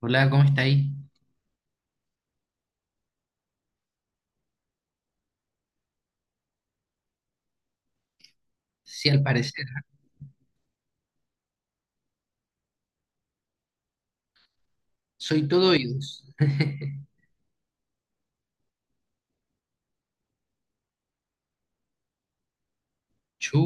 Hola, ¿cómo está ahí? Sí, al parecer. ¿Ah? Soy todo oídos. Chu.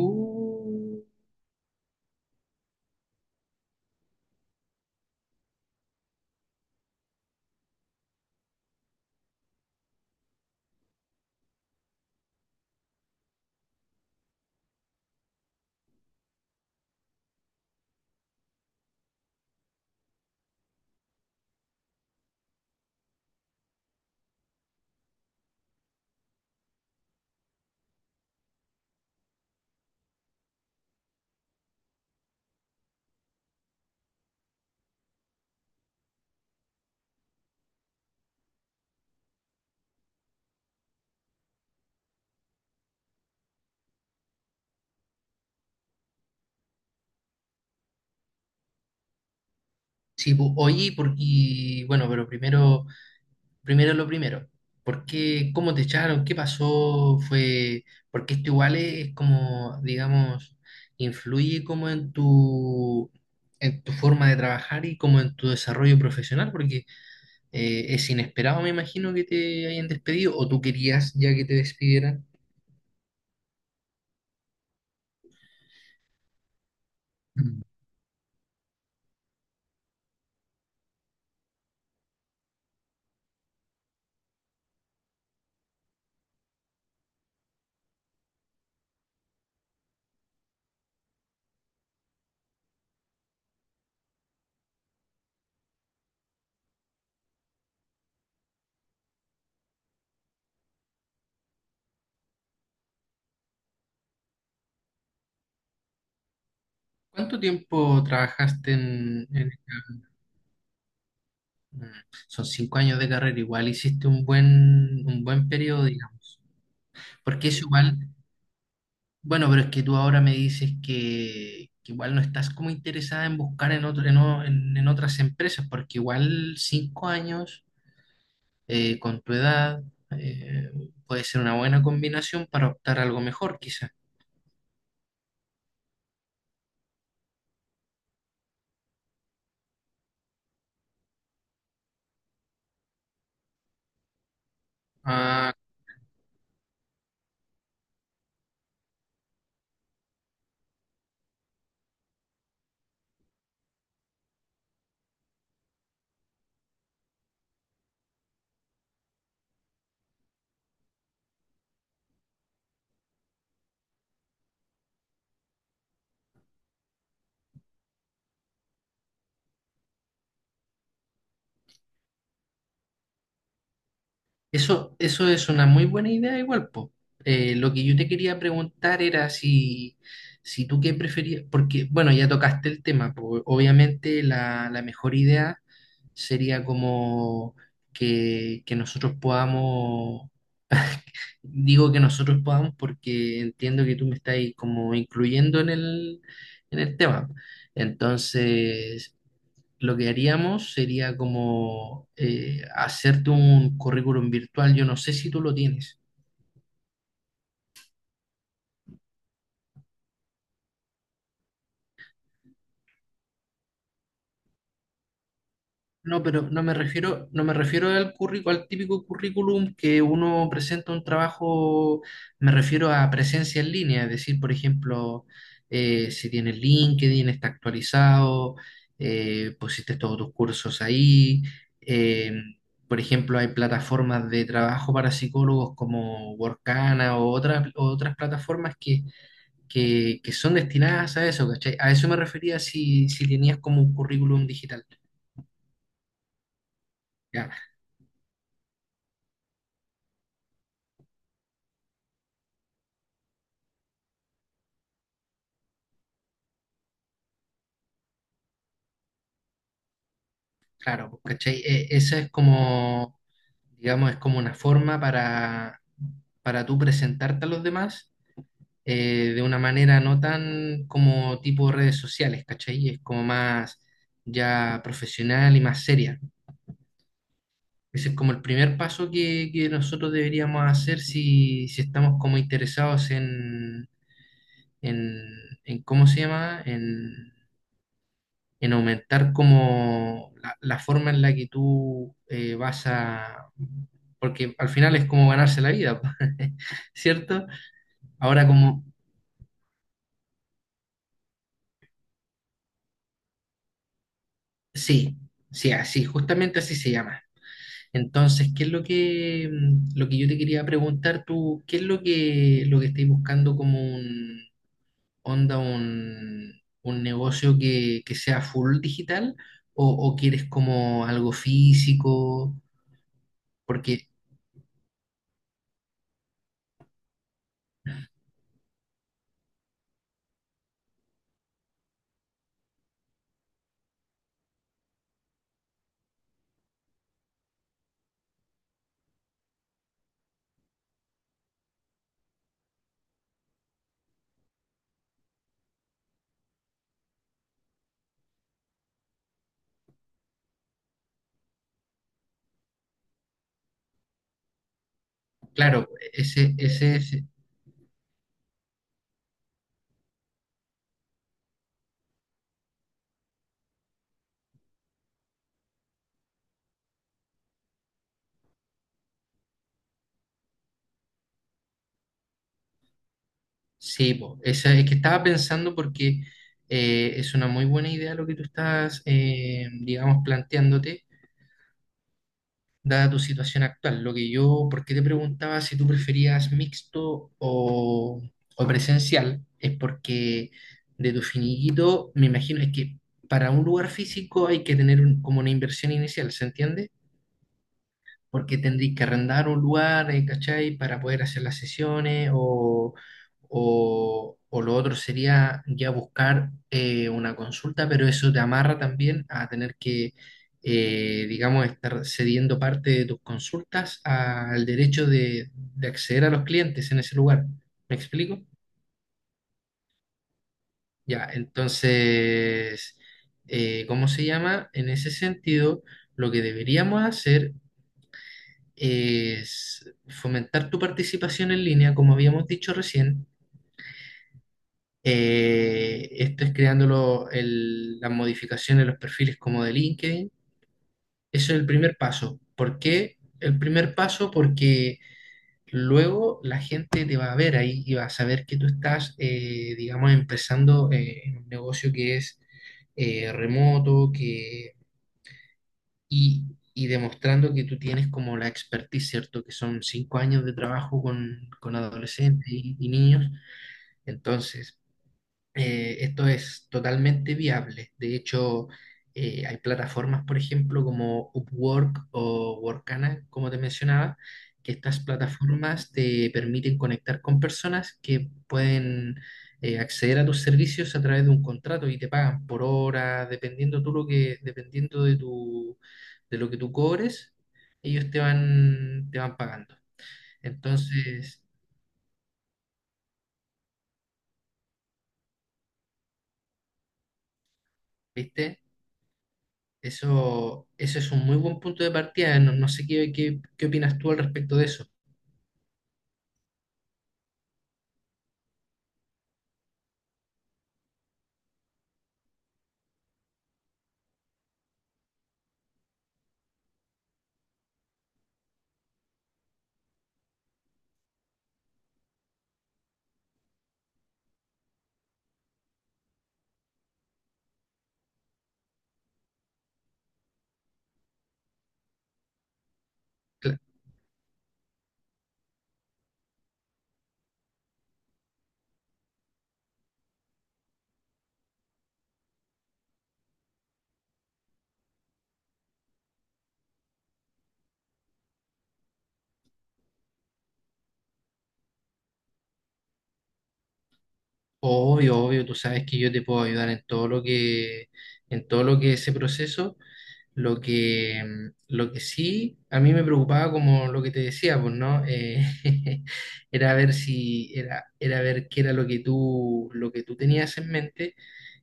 Sí, pu- oye, porque, bueno, pero primero, primero lo primero. ¿Por qué, cómo te echaron? ¿Qué pasó? Fue, porque esto igual es como, digamos, influye como en en tu forma de trabajar y como en tu desarrollo profesional, porque es inesperado, me imagino, que te hayan despedido, o tú querías ya que te despidieran. ¿Cuánto tiempo trabajaste en esta- mm, son cinco años de carrera, igual hiciste un un buen periodo, digamos. Porque es igual, bueno, pero es que tú ahora me dices que igual no estás como interesada en buscar en otro, en, o- en- en otras empresas, porque igual 5 años con tu edad, eh, puede ser una buena combinación para optar a algo mejor, quizá. Eso es una muy buena idea igual, po. Lo que yo te quería preguntar era si, si tú qué preferías, porque, bueno, ya tocaste el tema, po. Obviamente la mejor idea sería como que nosotros podamos, digo que nosotros podamos porque entiendo que tú me estás ahí como incluyendo en en el tema. Entonces, lo que haríamos sería como hacerte un currículum virtual. Yo no sé si tú lo tienes. No, pero no me refiero, no me refiero al currícu- al típico currículum que uno presenta un trabajo, me refiero a presencia en línea, es decir, por ejemplo, si tienes LinkedIn, está actualizado, pusiste todos tus cursos ahí, eh, por ejemplo, hay plataformas de trabajo para psicólogos como Workana o otras plataformas que son destinadas a eso, ¿cachai? A eso me refería si, si tenías como un currículum digital. Ya, claro, ¿cachai? E- esa es como, digamos, es como una forma para tú presentarte a los demás, de una manera no tan como tipo redes sociales, ¿cachai? Es como más ya profesional y más seria. Ese es como el primer paso que nosotros deberíamos hacer si, si estamos como interesados en, en ¿cómo se llama? En aumentar como la forma en la que tú vas a... Porque al final es como ganarse la vida, ¿cierto? Ahora como... Sí, sí, así, justamente así se llama. Entonces, ¿qué es lo que, lo que yo te quería preguntar tú? ¿Qué es lo que estáis buscando como un onda, un negocio que sea full digital? O quieres como algo físico? Porque, claro, ese es sí, po, esa, es que estaba pensando porque es una muy buena idea lo que tú estás, digamos, planteándote, dada tu situación actual. Lo que yo, ¿por qué te preguntaba si tú preferías mixto o presencial? Es porque de tu finiquito, me imagino, es que para un lugar físico hay que tener un- como una inversión inicial, ¿se entiende? Porque tendréis que arrendar un lugar, ¿cachai? Para poder hacer las sesiones o lo otro sería ya buscar una consulta, pero eso te amarra también a tener que, digamos, estar cediendo parte de tus consultas al derecho de acceder a los clientes en ese lugar. ¿Me explico? Ya, entonces, ¿cómo se llama? En ese sentido, lo que deberíamos hacer es fomentar tu participación en línea, como habíamos dicho recién. Esto es creando lo- el- las modificaciones, los perfiles como de LinkedIn. Eso es el primer paso. ¿Por qué el primer paso? Porque luego la gente te va a ver ahí y va a saber que tú estás, digamos, empezando en un negocio que es remoto, que y demostrando que tú tienes como la expertise, ¿cierto? Que son 5 años de trabajo con adolescentes y niños. Entonces, esto es totalmente viable. De hecho, hay plataformas, por ejemplo, como Upwork o Workana, como te mencionaba, que estas plataformas te permiten conectar con personas que pueden acceder a tus servicios a través de un contrato y te pagan por hora, dependiendo tú lo que, dependiendo de tu, de lo que tú cobres, ellos te van pagando. Entonces, ¿viste? Eso es un muy buen punto de partida. No, no sé qué, qué, qué opinas tú al respecto de eso. Cla- obvio, obvio, tú sabes que yo te puedo ayudar en todo lo que, en todo lo que ese proceso. Lo que, lo que sí a mí me preocupaba, como lo que te decía, pues, ¿no? Era ver si, era, era ver qué era lo que tú tenías en mente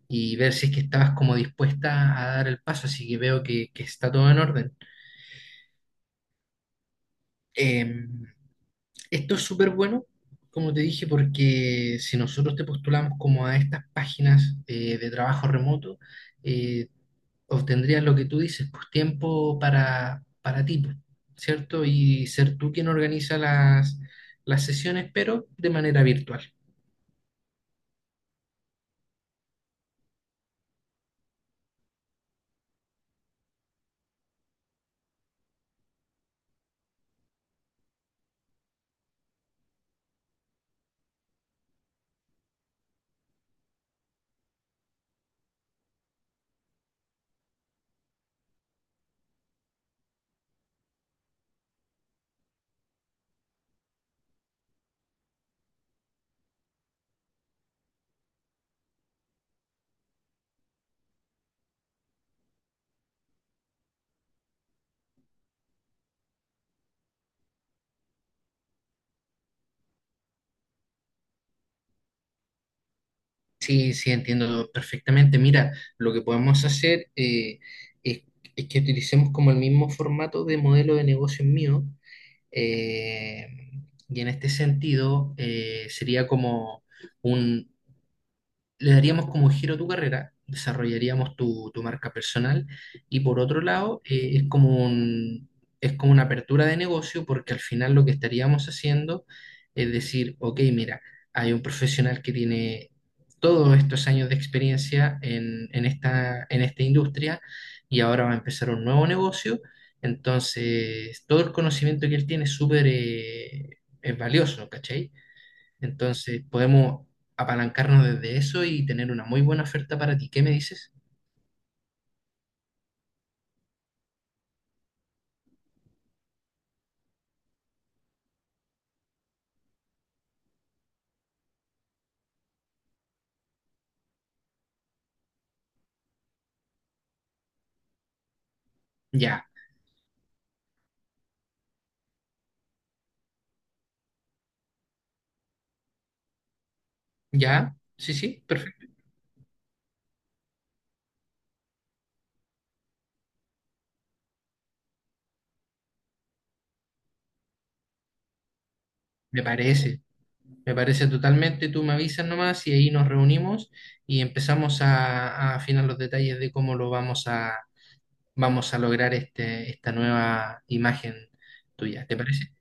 y ver si es que estabas como dispuesta a dar el paso. Así que veo que está todo en orden. Em, Esto es súper bueno, como te dije, porque si nosotros te postulamos como a estas páginas de trabajo remoto, eh, obtendrías lo que tú dices, pues tiempo para ti, pues, ¿cierto? Y ser tú quien organiza las sesiones, pero de manera virtual. Sí, sí, entiendo perfectamente. Mira, lo que podemos hacer es, es que utilicemos como el mismo formato de modelo de negocio mío. Eh, y en este sentido, sería como un, le daríamos como giro a tu carrera, desarrollaríamos tu, tu marca personal y por otro lado es como un- es como una apertura de negocio porque al final lo que estaríamos haciendo es decir, ok, mira, hay un profesional que tiene todos estos años de experiencia en esta industria y ahora va a empezar un nuevo negocio, entonces todo el conocimiento que él tiene es súper... es valioso, ¿cachai? Entonces, podemos apalancarnos desde eso y tener una muy buena oferta para ti. ¿Qué me dices? Ya, ya, sí, sí, perfecto. Me parece, me parece totalmente. Tú me avisas nomás y ahí nos reunimos y empezamos a afinar los detalles de cómo lo vamos a, vamos a lograr este, esta nueva imagen tuya. ¿Te parece?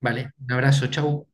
Vale, un abrazo, chau.